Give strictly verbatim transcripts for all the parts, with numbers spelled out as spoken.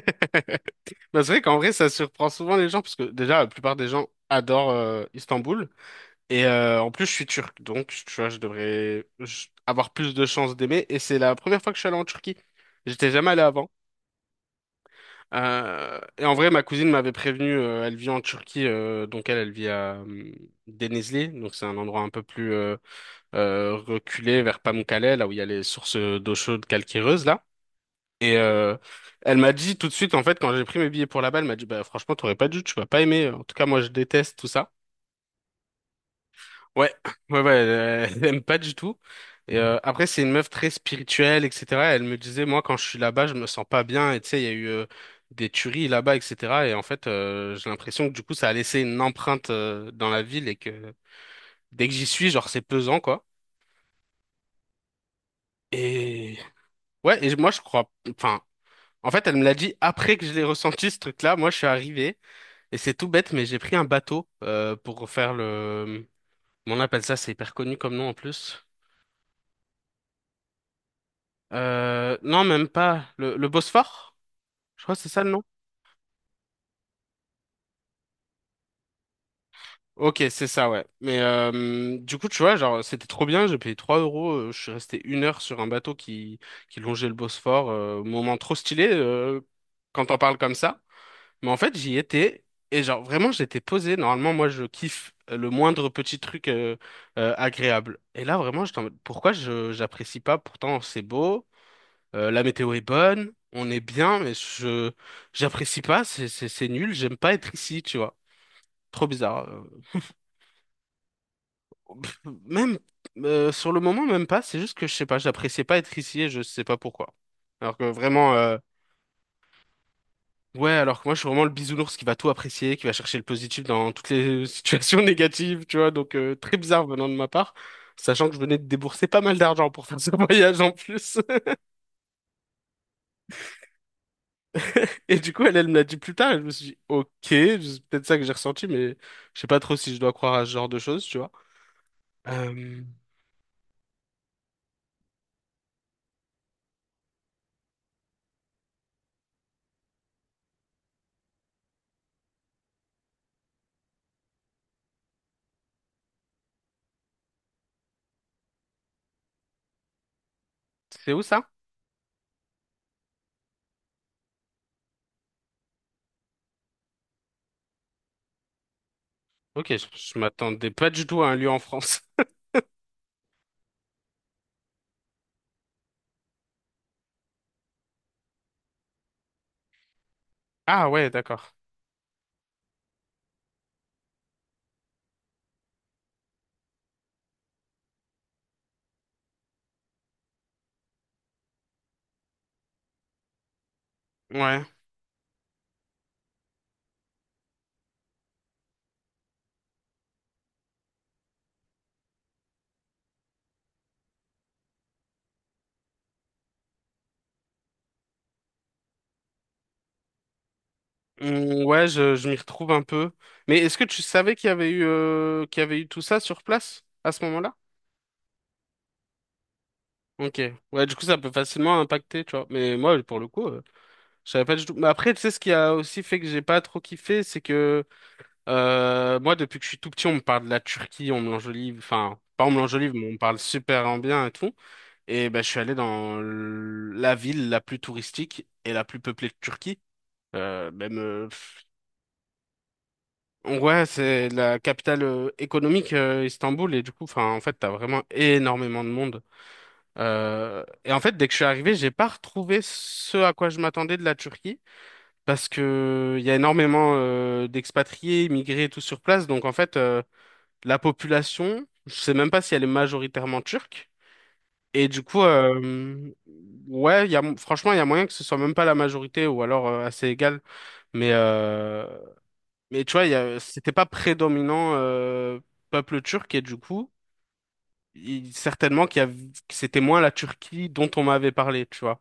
Bah, c'est vrai qu'en vrai, ça surprend souvent les gens, parce que déjà, la plupart des gens adorent euh, Istanbul. Et euh, en plus, je suis turc, donc tu vois, je devrais je- avoir plus de chances d'aimer. Et c'est la première fois que je suis allé en Turquie. J'étais jamais allé avant. Euh, et en vrai, ma cousine m'avait prévenu, euh, elle vit en Turquie, euh, donc elle, elle vit à euh, Denizli, donc c'est un endroit un peu plus euh, euh, reculé vers Pamukkale, là où il y a les sources d'eau chaude calcaireuse, là. Et euh, Elle m'a dit tout de suite, en fait, quand j'ai pris mes billets pour là-bas, elle m'a dit, bah franchement, t'aurais pas dû, tu vas pas aimer. En tout cas, moi, je déteste tout ça. Ouais, ouais, ouais, elle, elle aime pas du tout. Et euh, après, c'est une meuf très spirituelle, et cetera. Elle me disait, moi, quand je suis là-bas, je me sens pas bien. Et tu sais, il y a eu euh, des tueries là-bas, et cetera. Et en fait, euh, j'ai l'impression que du coup, ça a laissé une empreinte euh, dans la ville et que dès que j'y suis, genre, c'est pesant, quoi. Et ouais, et moi, je crois. Enfin. En fait, elle me l'a dit après que je l'ai ressenti, ce truc-là. Moi, je suis arrivé, et c'est tout bête, mais j'ai pris un bateau euh, pour faire le… Comment on appelle ça, c'est hyper connu comme nom en plus. Euh, non, même pas. Le, Le Bosphore? Je crois que c'est ça le nom. Ok, c'est ça, ouais. Mais euh, du coup, tu vois, genre, c'était trop bien. J'ai payé trois euros. euh, Je suis resté une heure sur un bateau qui, qui longeait le Bosphore. Euh, moment trop stylé euh, quand on parle comme ça. Mais en fait, j'y étais et genre vraiment j'étais posé. Normalement, moi je kiffe euh, le moindre petit truc euh, euh, agréable. Et là vraiment, j'étais en mode, pourquoi je j'apprécie pas? Pourtant c'est beau, euh, la météo est bonne, on est bien, mais je j'apprécie pas. C'est c'est c'est nul. J'aime pas être ici, tu vois. Trop bizarre. Euh, pff, Même euh, sur le moment même pas. C'est juste que je sais pas, j'appréciais pas être ici et je sais pas pourquoi. Alors que vraiment. euh, Ouais, alors que moi, je suis vraiment le bisounours qui va tout apprécier, qui va chercher le positif dans toutes les situations négatives, tu vois. Donc, euh, très bizarre venant de ma part, sachant que je venais de débourser pas mal d'argent pour faire ce voyage en plus. Et du coup, elle, elle me l'a dit plus tard, et je me suis dit, ok, c'est peut-être ça que j'ai ressenti, mais je sais pas trop si je dois croire à ce genre de choses, tu vois. Euh, c'est où ça? Ok, je, je m'attendais pas du tout à un lieu en France. Ah ouais, d'accord. Ouais. Mm, ouais, je, je m'y retrouve un peu. Mais est-ce que tu savais qu'il y avait eu, euh, qu'il y avait eu tout ça sur place à ce moment-là? Ok. Ouais, du coup, ça peut facilement impacter, tu vois. Mais moi, pour le coup, euh, je savais pas du tout. Mais après, tu sais, ce qui a aussi fait que j'ai pas trop kiffé, c'est que euh, moi, depuis que je suis tout petit, on me parle de la Turquie, on me l'enjolive. Enfin, pas on me l'enjolive, mais on me parle super en bien et tout. Et ben, je suis allé dans l- la ville la plus touristique et la plus peuplée de Turquie. Euh, même. Ouais, c'est la capitale euh, économique, euh, Istanbul, et du coup, enfin, en fait, t'as vraiment énormément de monde. Euh, et en fait, dès que je suis arrivé, j'ai pas retrouvé ce à quoi je m'attendais de la Turquie, parce que il y a énormément euh, d'expatriés, immigrés, et tout sur place. Donc, en fait, euh, la population, je sais même pas si elle est majoritairement turque. Et du coup, euh, ouais, il y a, franchement, il y a moyen que ce soit même pas la majorité, ou alors euh, assez égal. Mais euh, mais tu vois, il y a- c'était pas prédominant euh, peuple turc et du coup, il- certainement qu'il y a, que c'était moins la Turquie dont on m'avait parlé, tu vois. De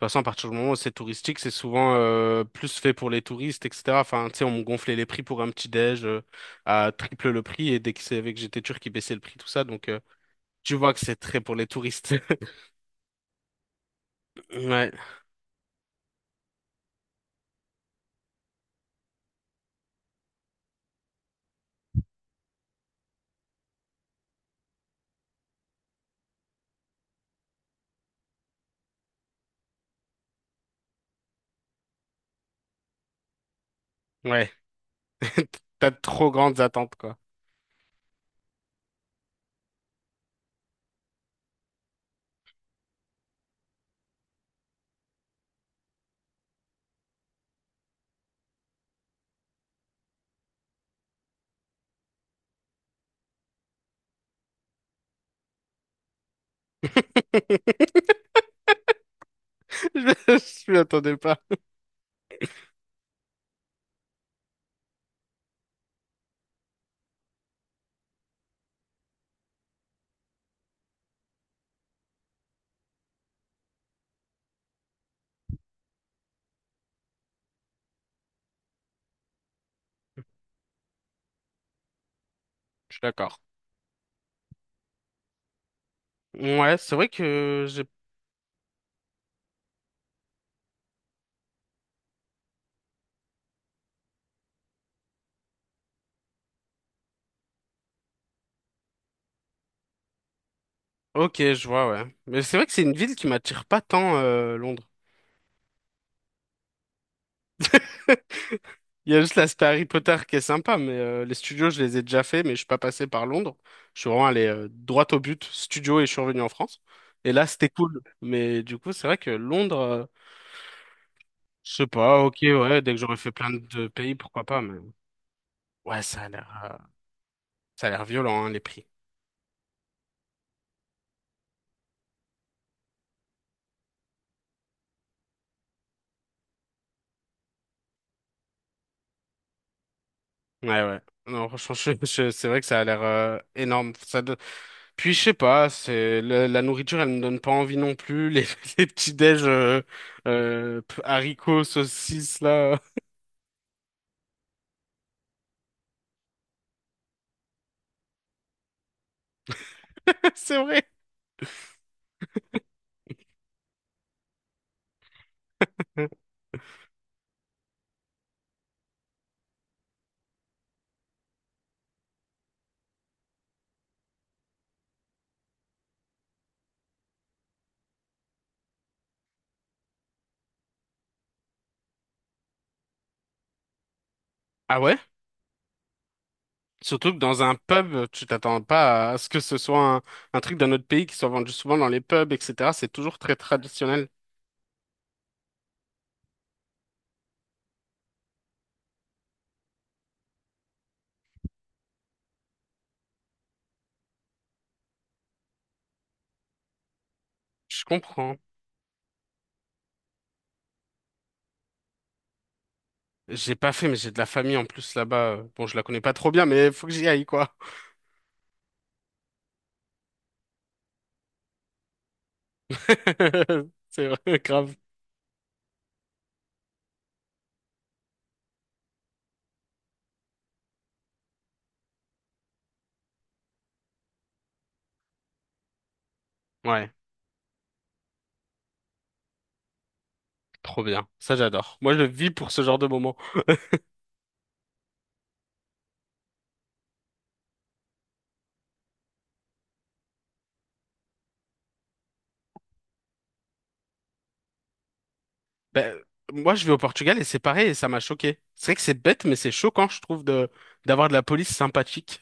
toute façon, à partir du moment où c'est touristique, c'est souvent euh, plus fait pour les touristes, et cetera. Enfin, tu sais, on me gonflait les prix pour un petit déj euh, à triple le prix et dès qu'ils savaient que j'étais turc, ils baissaient le prix, tout ça. Donc, euh, tu vois que c'est très pour les touristes. Ouais, ouais. T'as de trop grandes attentes, quoi. Je m'y attendais pas. Je suis d'accord. Ouais, c'est vrai que j'ai… Ok, je vois, ouais. Mais c'est vrai que c'est une ville qui m'attire pas tant, euh, Londres. Il y a juste l'aspect Harry Potter qui est sympa, mais euh, les studios, je les ai déjà fait, mais je suis pas passé par Londres. Je suis vraiment allé euh, droit au but, studio, et je suis revenu en France. Et là, c'était cool. Mais du coup, c'est vrai que Londres, euh, je sais pas, ok, ouais, dès que j'aurais fait plein de pays, pourquoi pas, mais ouais, ça a l'air euh, ça a l'air violent, hein, les prix. Ouais, ouais. Non, franchement, je- je- c'est vrai que ça a l'air euh, énorme. Ça, puis je sais pas, c'est la, la nourriture, elle me donne pas envie non plus. Les, les petits déj euh, euh, p- haricots, saucisses là, c'est vrai. Ah ouais? Surtout que dans un pub, tu t'attends pas à ce que ce soit un, un truc d'un autre pays qui soit vendu souvent dans les pubs, et cetera. C'est toujours très traditionnel. Je comprends. J'ai pas fait, mais j'ai de la famille en plus là-bas. Bon, je la connais pas trop bien, mais faut que j'y aille quoi. C'est vrai, grave. Ouais, trop bien. Ça j'adore. Moi, je vis pour ce genre de moment. Ben, moi, je vais au Portugal et c'est pareil et ça m'a choqué. C'est vrai que c'est bête, mais c'est choquant, je trouve, de d'avoir de la police sympathique.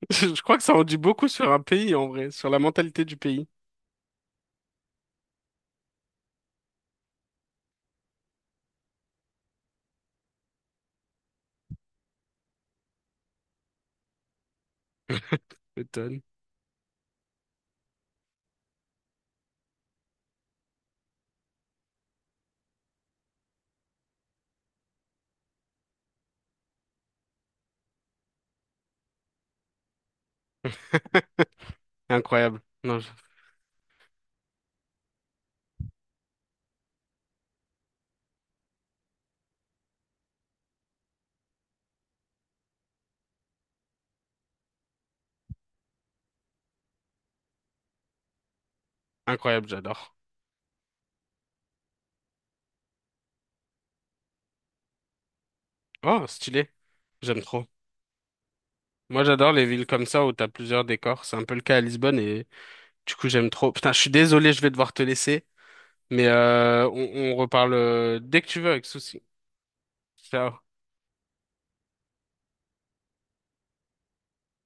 Je crois que ça en dit beaucoup sur un pays, en vrai, sur la mentalité du pays. Étonne. Incroyable. Non, je- incroyable, j'adore. Oh, stylé. J'aime trop. Moi, j'adore les villes comme ça où t'as plusieurs décors. C'est un peu le cas à Lisbonne et du coup, j'aime trop. Putain, je suis désolé, je vais devoir te laisser, mais euh, on, on reparle euh, dès que tu veux avec souci. Ciao.